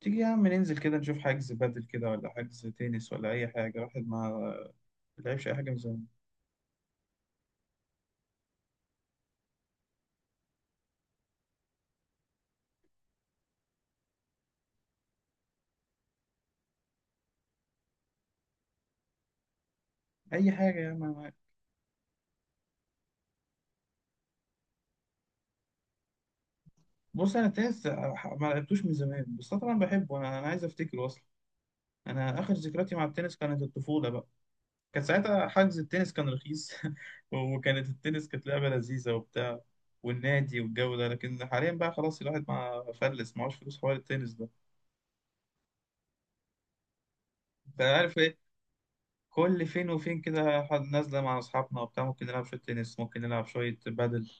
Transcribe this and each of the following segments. تيجي يا عم ننزل كده نشوف حجز بدل كده، ولا حجز تنس، ولا أي حاجة؟ واحد ما لعبش أي حاجة من زمان. أي حاجة يا عم، أنا معاك. بص، أنا التنس ما لعبتوش من زمان، بس أنا طبعا بحبه. أنا عايز أفتكره أصلا. أنا آخر ذكرياتي مع التنس كانت الطفولة بقى. كان ساعتها حجز التنس كان رخيص. وكانت التنس كانت لعبة لذيذة وبتاع، والنادي والجو ده. لكن حاليا بقى خلاص، الواحد ما فلس، معهوش فلوس حوار التنس ده. انت عارف إيه؟ كل فين وفين كده حد نازلة مع أصحابنا وبتاع، ممكن نلعب شوية تنس، ممكن نلعب شوية بادل.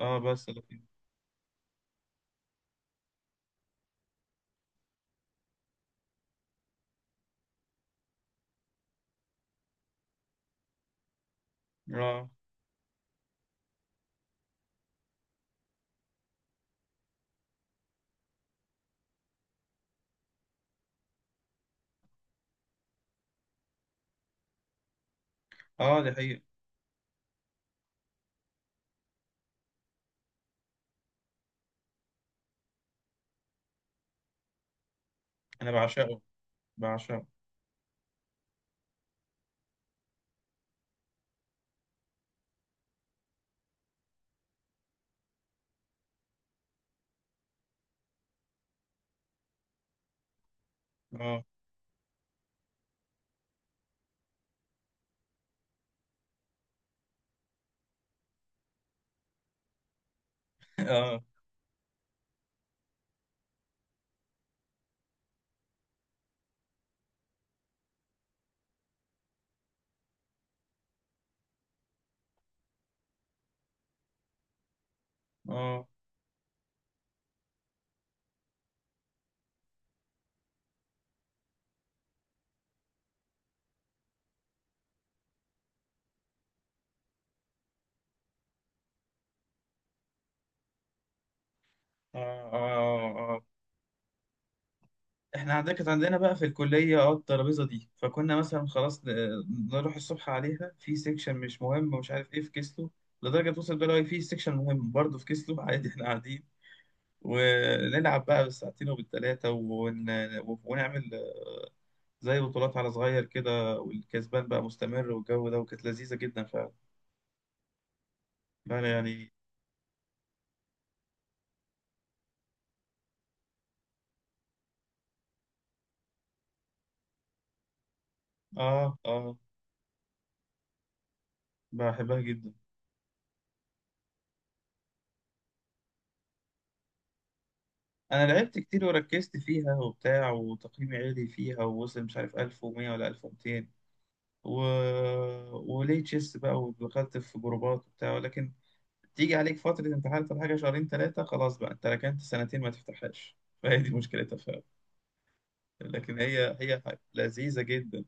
اه، بس لكن. اه، اه، دي حقيقة. أنا بعشقه، بعشقه. اه. اه، اه، اه، اه، اه. احنا عندنا، كانت عندنا بقى في الكلية، الترابيزة دي. فكنا مثلا خلاص نروح الصبح عليها في سيكشن مش مهم ومش عارف ايه، في كيسلو. لدرجة توصل بقى، لو في سيكشن مهم برضه في كيسلو عادي احنا قاعدين، ونلعب بقى بالساعتين وبالتلاتة ونعمل زي بطولات على صغير كده، والكسبان بقى مستمر والجو ده، وكانت لذيذة جدا فعلا. فأنا يعني. آه، آه، بحبها جدا. أنا لعبت كتير وركزت فيها وبتاع وتقييمي عالي فيها، ووصل مش عارف 1100 ولا 1200 و... وليه تشيس بقى، ودخلت في جروبات وبتاع. ولكن تيجي عليك فترة امتحانات ولا حاجة، شهرين ثلاثة، خلاص بقى أنت ركنت سنتين ما تفتحهاش. فهي دي مشكلتها فعلا. لكن هي لذيذة جدا.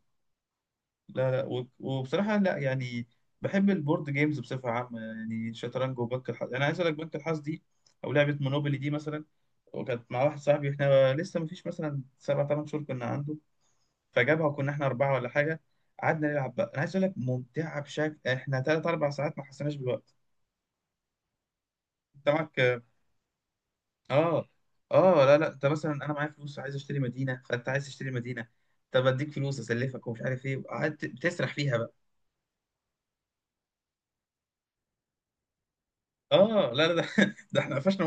لا، لا، و- وبصراحة لا يعني. بحب البورد جيمز بصفة عامة، يعني شطرنج وبنك الحظ. أنا عايز أقول لك، بنك الحظ دي أو لعبة مونوبولي دي مثلا، وكانت مع واحد صاحبي، إحنا لسه مفيش مثلا 7 أو 8 شهور كنا عنده، فجابها وكنا إحنا أربعة ولا حاجة. قعدنا نلعب بقى، أنا عايز أقول لك ممتعة بشكل، إحنا 3 أو 4 ساعات ما حسيناش بالوقت. أنت معاك. آه، آه، لا، لا، أنت مثلا أنا معايا فلوس عايز أشتري مدينة، فأنت عايز تشتري مدينة، طب أديك فلوس أسلفك ومش عارف إيه، وقعدت بتسرح فيها بقى. آه، لا لا ده، ده إحنا قفشنا.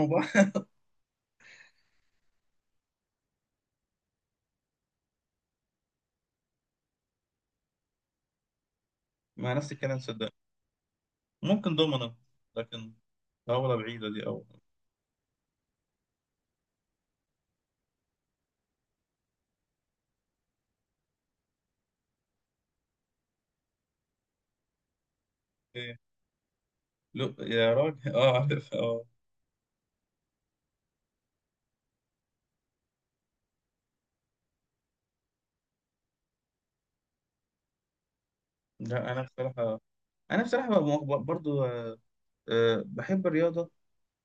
مع نفس الكلام صدق. ممكن دومنا، لكن طاولة بعيدة دي أو إيه. لو يا راجل، أه، عارف أه. لا، أنا بصراحة، برضو، بحب الرياضة.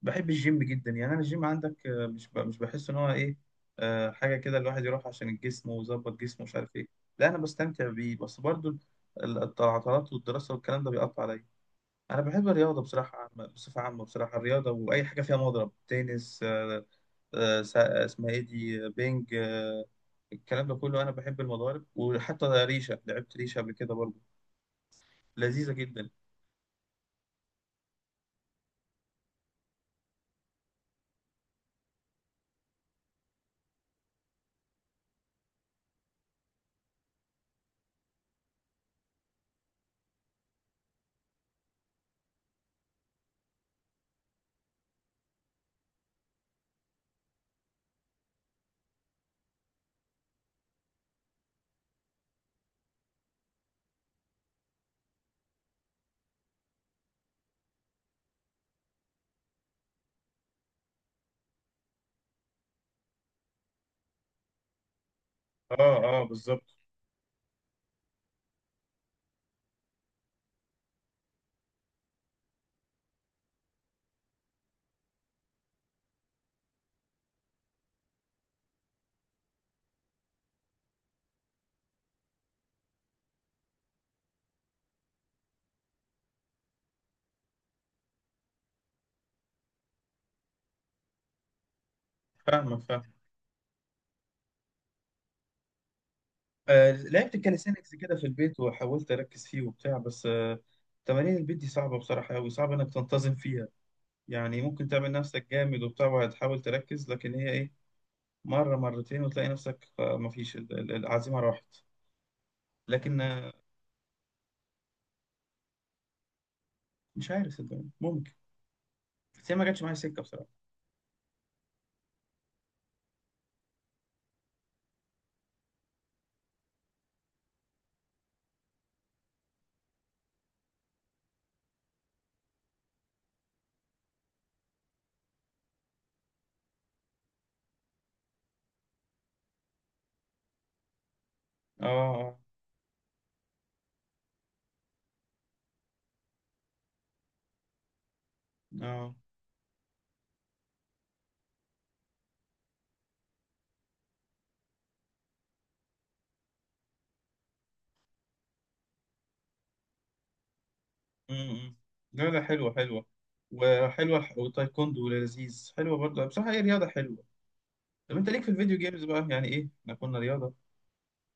بحب الجيم جدا، يعني أنا الجيم عندك، مش بحس إن هو إيه. حاجة كده الواحد يروح عشان الجسم ويظبط جسمه، مش عارف إيه. لا أنا بستمتع بيه، بس برضو العطلات والدراسة والكلام ده بيقطع عليا. أنا بحب الرياضة بصراحة عامة، بصفة عامة بصراحة، الرياضة وأي حاجة فيها مضرب تنس. اسمها ايه دي، بينج، الكلام ده كله. انا بحب المضارب، وحتى ريشه لعبت ريشه قبل كده برضه. لذيذه جدا. اه، اه، بالظبط. فاهمك، فاهم. لعبت الكاليسينكس كده في البيت وحاولت اركز فيه وبتاع، بس. تمارين البيت دي صعبه بصراحه قوي، صعب انك تنتظم فيها. يعني ممكن تعمل نفسك جامد وبتاع وهتحاول تركز، لكن هي ايه، مره مرتين وتلاقي نفسك، مفيش العزيمه راحت. لكن. مش عارف، صدقني ممكن، بس هي ما جاتش معايا سكه بصراحه. اه، اه، آه. امم. لا، لا، حلوة حلوة، وحلوة والتايكوندو لذيذ، حلوة برضه، بصراحة هي رياضة حلوة. طب انت ليك في الفيديو جيمز بقى، يعني ايه احنا كنا رياضة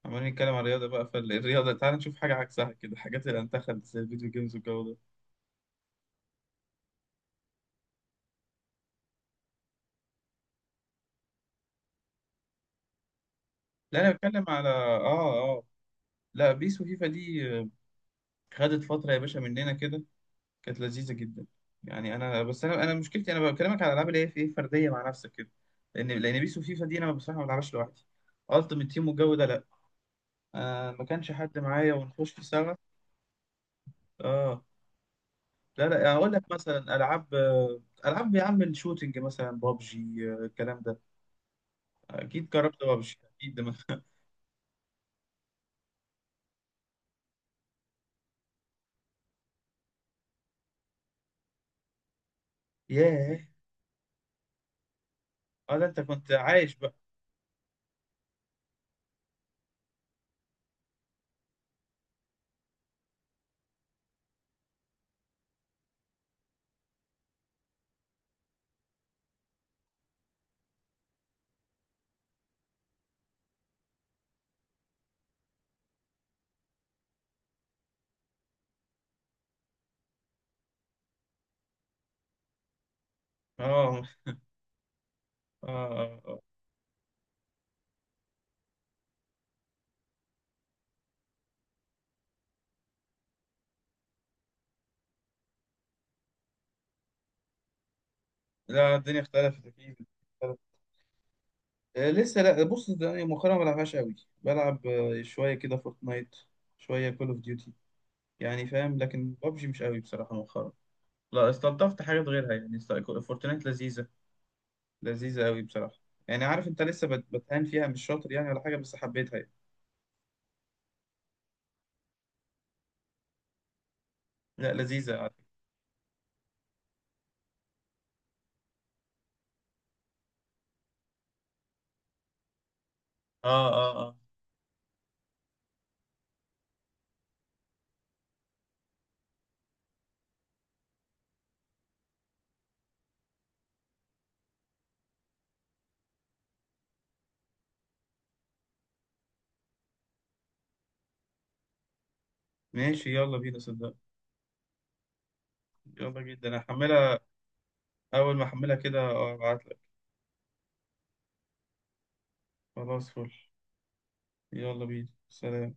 عمالين نتكلم عن رياضة بقى، فالرياضة تعال نشوف حاجة عكسها كده، حاجات اللي انتخبت زي الفيديو جيمز والجو ده. لا انا بتكلم على، اه لا، بيس وفيفا دي، خدت فترة يا باشا مننا كده، كانت لذيذة جدا. يعني انا بس، انا مشكلتي، انا بكلمك على الالعاب اللي هي في ايه، فردية مع نفسك كده. لان بيس وفيفا دي انا بصراحة ما بلعبهاش لوحدي، التيمت تيم والجو ده لا، آه ما كانش حد معايا ونخش سوا. اه، لا لا، اقول لك مثلا العاب، العاب يا عم الشوتينج، مثلا بابجي، الكلام ده. اكيد جربت بابجي اكيد. ياه. اه، ده انت كنت عايش بقى. اه، اه، آه، آه. لا الدنيا اختلفت اكيد، اختلفت. آه لسه. لا بص، يعني مؤخرا ما بلعبهاش قوي، بلعب شويه كده فورتنايت، شويه كول اوف ديوتي، يعني فاهم. لكن بابجي مش قوي بصراحه مؤخرا. لا استلطفت حاجات غيرها، يعني فورتنايت لذيذه، لذيذة أوي بصراحة. يعني عارف أنت لسه بتهان فيها، مش شاطر يعني ولا حاجة، بس حبيتها يعني. لا لذيذة على فكرة. آه، آه، آه. ماشي يلا بينا صدق. يلا جدا، هحملها أول ما أحملها كده أبعتلك. خلاص فل. يلا بينا سلام.